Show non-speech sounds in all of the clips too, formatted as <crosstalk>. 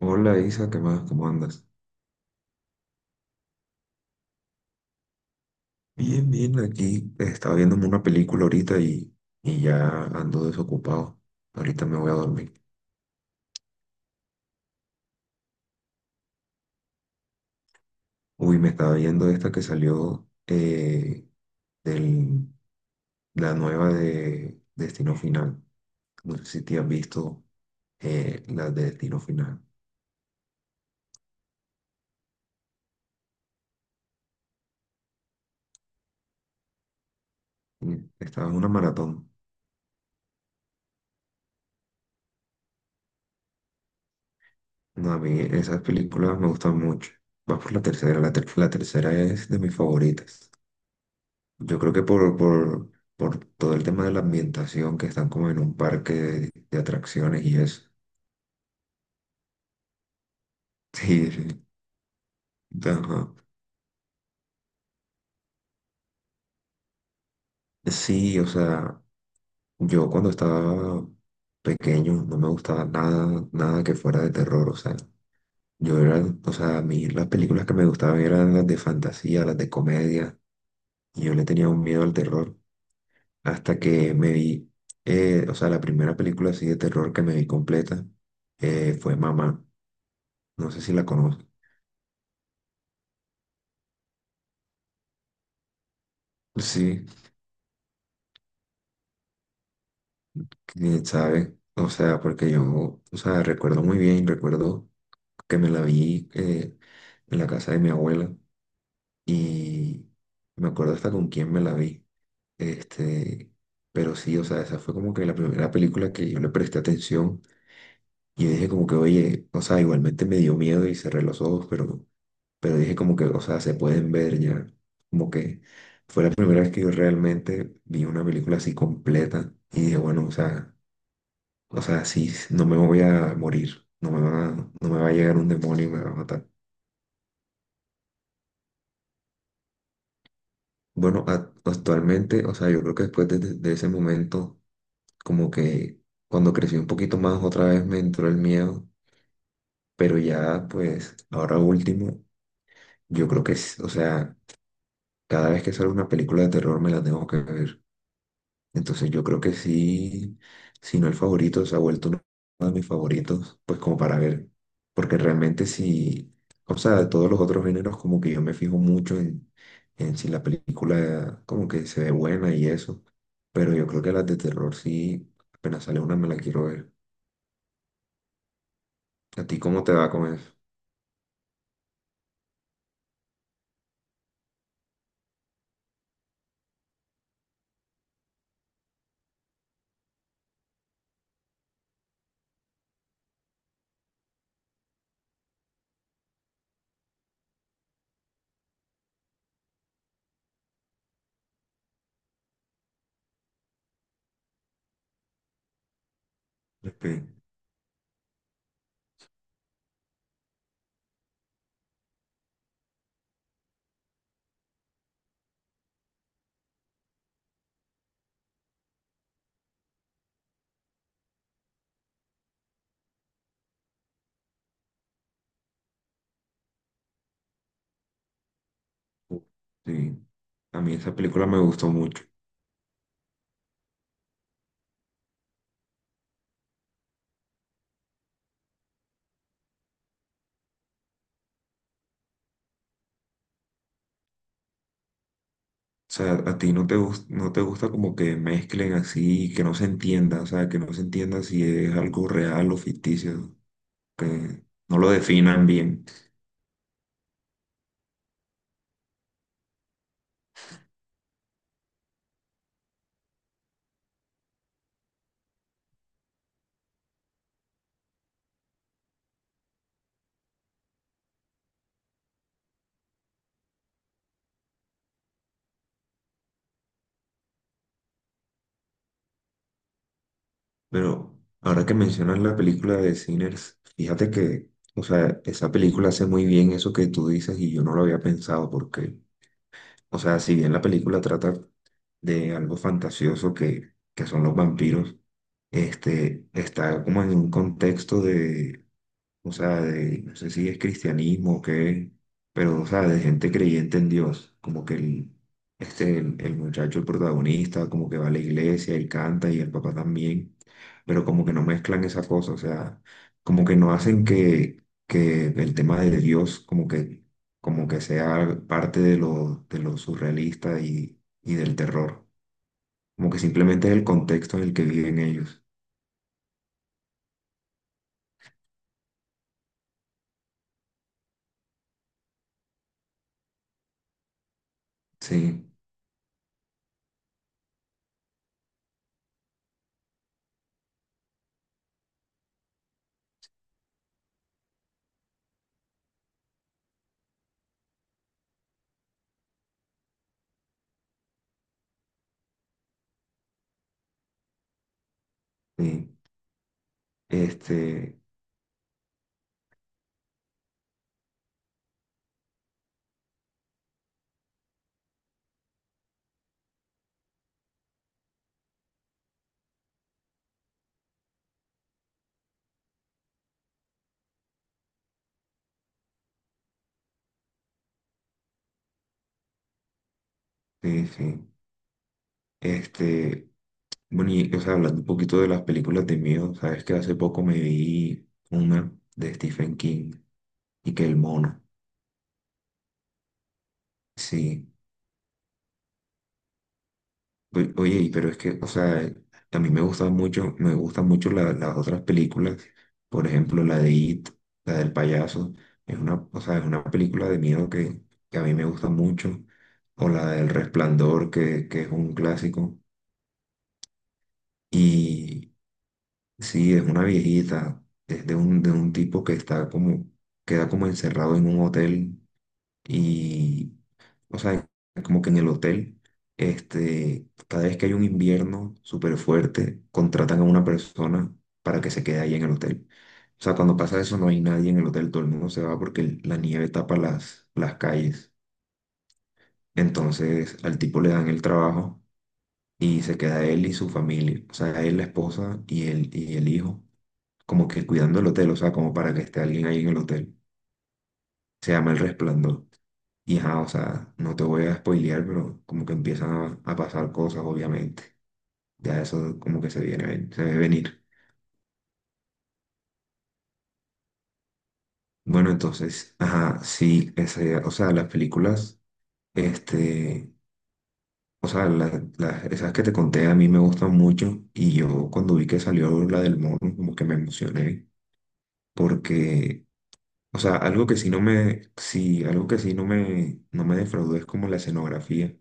Hola Isa, ¿qué más? ¿Cómo andas? Bien, bien, aquí estaba viéndome una película ahorita y ya ando desocupado. Ahorita me voy a dormir. Uy, me estaba viendo esta que salió del, la nueva de Destino Final. No sé si te has visto la de Destino Final. Mm, estaba en una maratón. No, a mí esas películas me gustan mucho. Vas por la tercera, la tercera es de mis favoritas. Yo creo que por todo el tema de la ambientación, que están como en un parque de atracciones y eso. <laughs> Sí, sí. Sí. Ajá. Sí, o sea, yo cuando estaba pequeño no me gustaba nada, nada que fuera de terror, o sea, yo era, o sea, a mí las películas que me gustaban eran las de fantasía, las de comedia, y yo le tenía un miedo al terror hasta que me vi, o sea, la primera película así de terror que me vi completa fue Mamá, no sé si la conoces. Sí, quién sabe. O sea, porque yo, o sea, recuerdo muy bien, recuerdo que me la vi en la casa de mi abuela y me acuerdo hasta con quién me la vi. Este, pero sí, o sea, esa fue como que la primera película que yo le presté atención y yo dije como que, oye, o sea, igualmente me dio miedo y cerré los ojos, pero dije como que, o sea, se pueden ver ya. Como que fue la primera vez que yo realmente vi una película así completa y dije, bueno, o sea, o sea, sí, no me voy a morir, no me va a llegar un demonio y me va a matar. Bueno, actualmente, o sea, yo creo que después de ese momento, como que cuando crecí un poquito más, otra vez me entró el miedo, pero ya, pues, ahora último, yo creo que, o sea, cada vez que sale una película de terror me la tengo que ver. Entonces yo creo que sí, si no el favorito, se ha vuelto uno de mis favoritos, pues como para ver, porque realmente sí, o sea, de todos los otros géneros como que yo me fijo mucho en si la película como que se ve buena y eso, pero yo creo que las de terror sí, apenas sale una me la quiero ver. ¿A ti cómo te va con eso? Espe- Sí, a mí esa película me gustó mucho. O sea, a ti no te gusta como que mezclen así, que no se entienda, o sea, que no se entienda si es algo real o ficticio, que no lo definan bien. Pero ahora que mencionas la película de Sinners, fíjate que, o sea, esa película hace muy bien eso que tú dices y yo no lo había pensado porque, o sea, si bien la película trata de algo fantasioso que son los vampiros, este, está como en un contexto de, o sea, de, no sé si es cristianismo o qué, pero, o sea, de gente creyente en Dios, como que el muchacho, el protagonista, como que va a la iglesia y canta y el papá también, pero como que no mezclan esa cosa, o sea, como que no hacen que el tema de Dios como que sea parte de lo surrealista y del terror, como que simplemente es el contexto en el que viven ellos, sí, sí, este, sí, sí. Este, bueno, y o sea, hablando un poquito de las películas de miedo, sabes que hace poco me vi una de Stephen King y que el mono. Sí. Oye, y pero es que, o sea, a mí me gustan mucho las otras películas. Por ejemplo, la de It, la del payaso. Es una, o sea, es una película de miedo que a mí me gusta mucho. O la del Resplandor, que es un clásico. Y sí, es una viejita, es de un tipo que está como, queda como encerrado en un hotel y, o sea, como que en el hotel, este, cada vez que hay un invierno súper fuerte, contratan a una persona para que se quede ahí en el hotel. O sea, cuando pasa eso no hay nadie en el hotel, todo el mundo se va porque la nieve tapa las calles. Entonces al tipo le dan el trabajo y se queda él y su familia, o sea, él, la esposa y el hijo como que cuidando el hotel, o sea, como para que esté alguien ahí en el hotel. Se llama El Resplandor. Y ajá, o sea, no te voy a spoilear, pero como que empiezan a pasar cosas, obviamente. Ya eso como que se se ve venir. Bueno, entonces, ajá, sí, ese, o sea, las películas, este, o sea, esas que te conté a mí me gustan mucho y yo cuando vi que salió la del mono, como que me emocioné porque, o sea, algo que sí no me, no me defraudó es como la escenografía,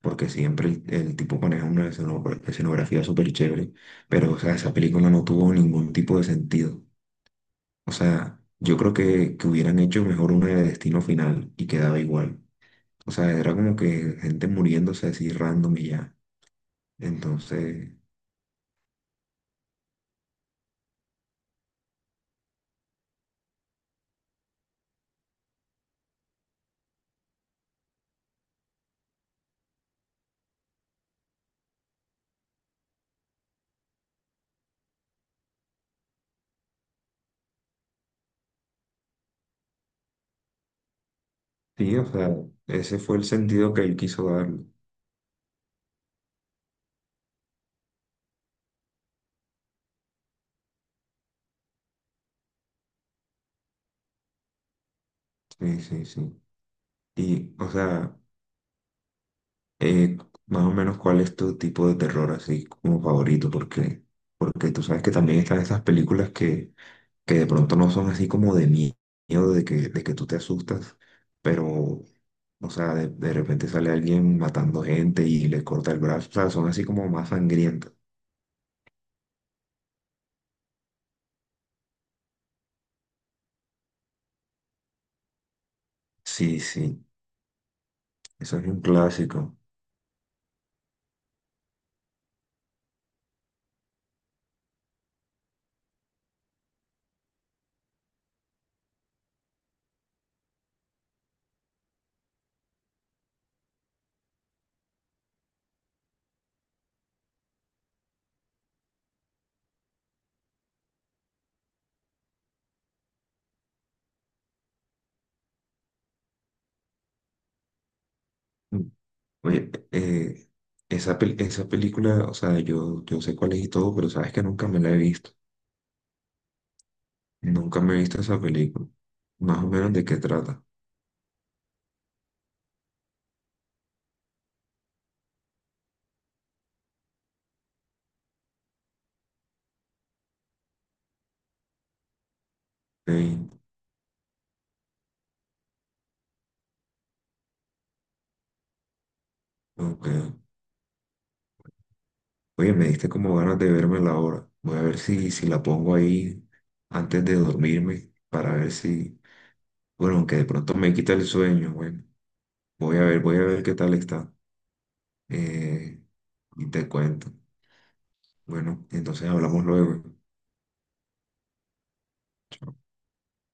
porque siempre el tipo maneja una escenografía súper chévere, pero o sea, esa película no tuvo ningún tipo de sentido. O sea, yo creo que hubieran hecho mejor una de Destino Final y quedaba igual. O sea, era como que gente muriéndose así random y ya. Entonces, sí, o sea, ese fue el sentido que él quiso darle. Sí, sí, sí. Y o sea... Eh, más o menos cuál es tu tipo de terror así como favorito, porque, porque tú sabes que también están esas películas que de pronto no son así como de miedo, de que tú te asustas, pero, o sea, de repente sale alguien matando gente y le corta el brazo, o sea, son así como más sangrientas. Sí, sí, eso es un clásico. Mm. Oye, esa, esa película, o sea, yo sé cuál es y todo, pero sabes que nunca me la he visto. Nunca me he visto esa película. Más o menos de qué trata. Ey, ok. Oye, me diste como ganas de verme la hora. Voy a ver si la pongo ahí antes de dormirme para ver si, bueno, aunque de pronto me quita el sueño, bueno, voy a ver qué tal está. Eh, y te cuento. Bueno, entonces hablamos luego. Chao.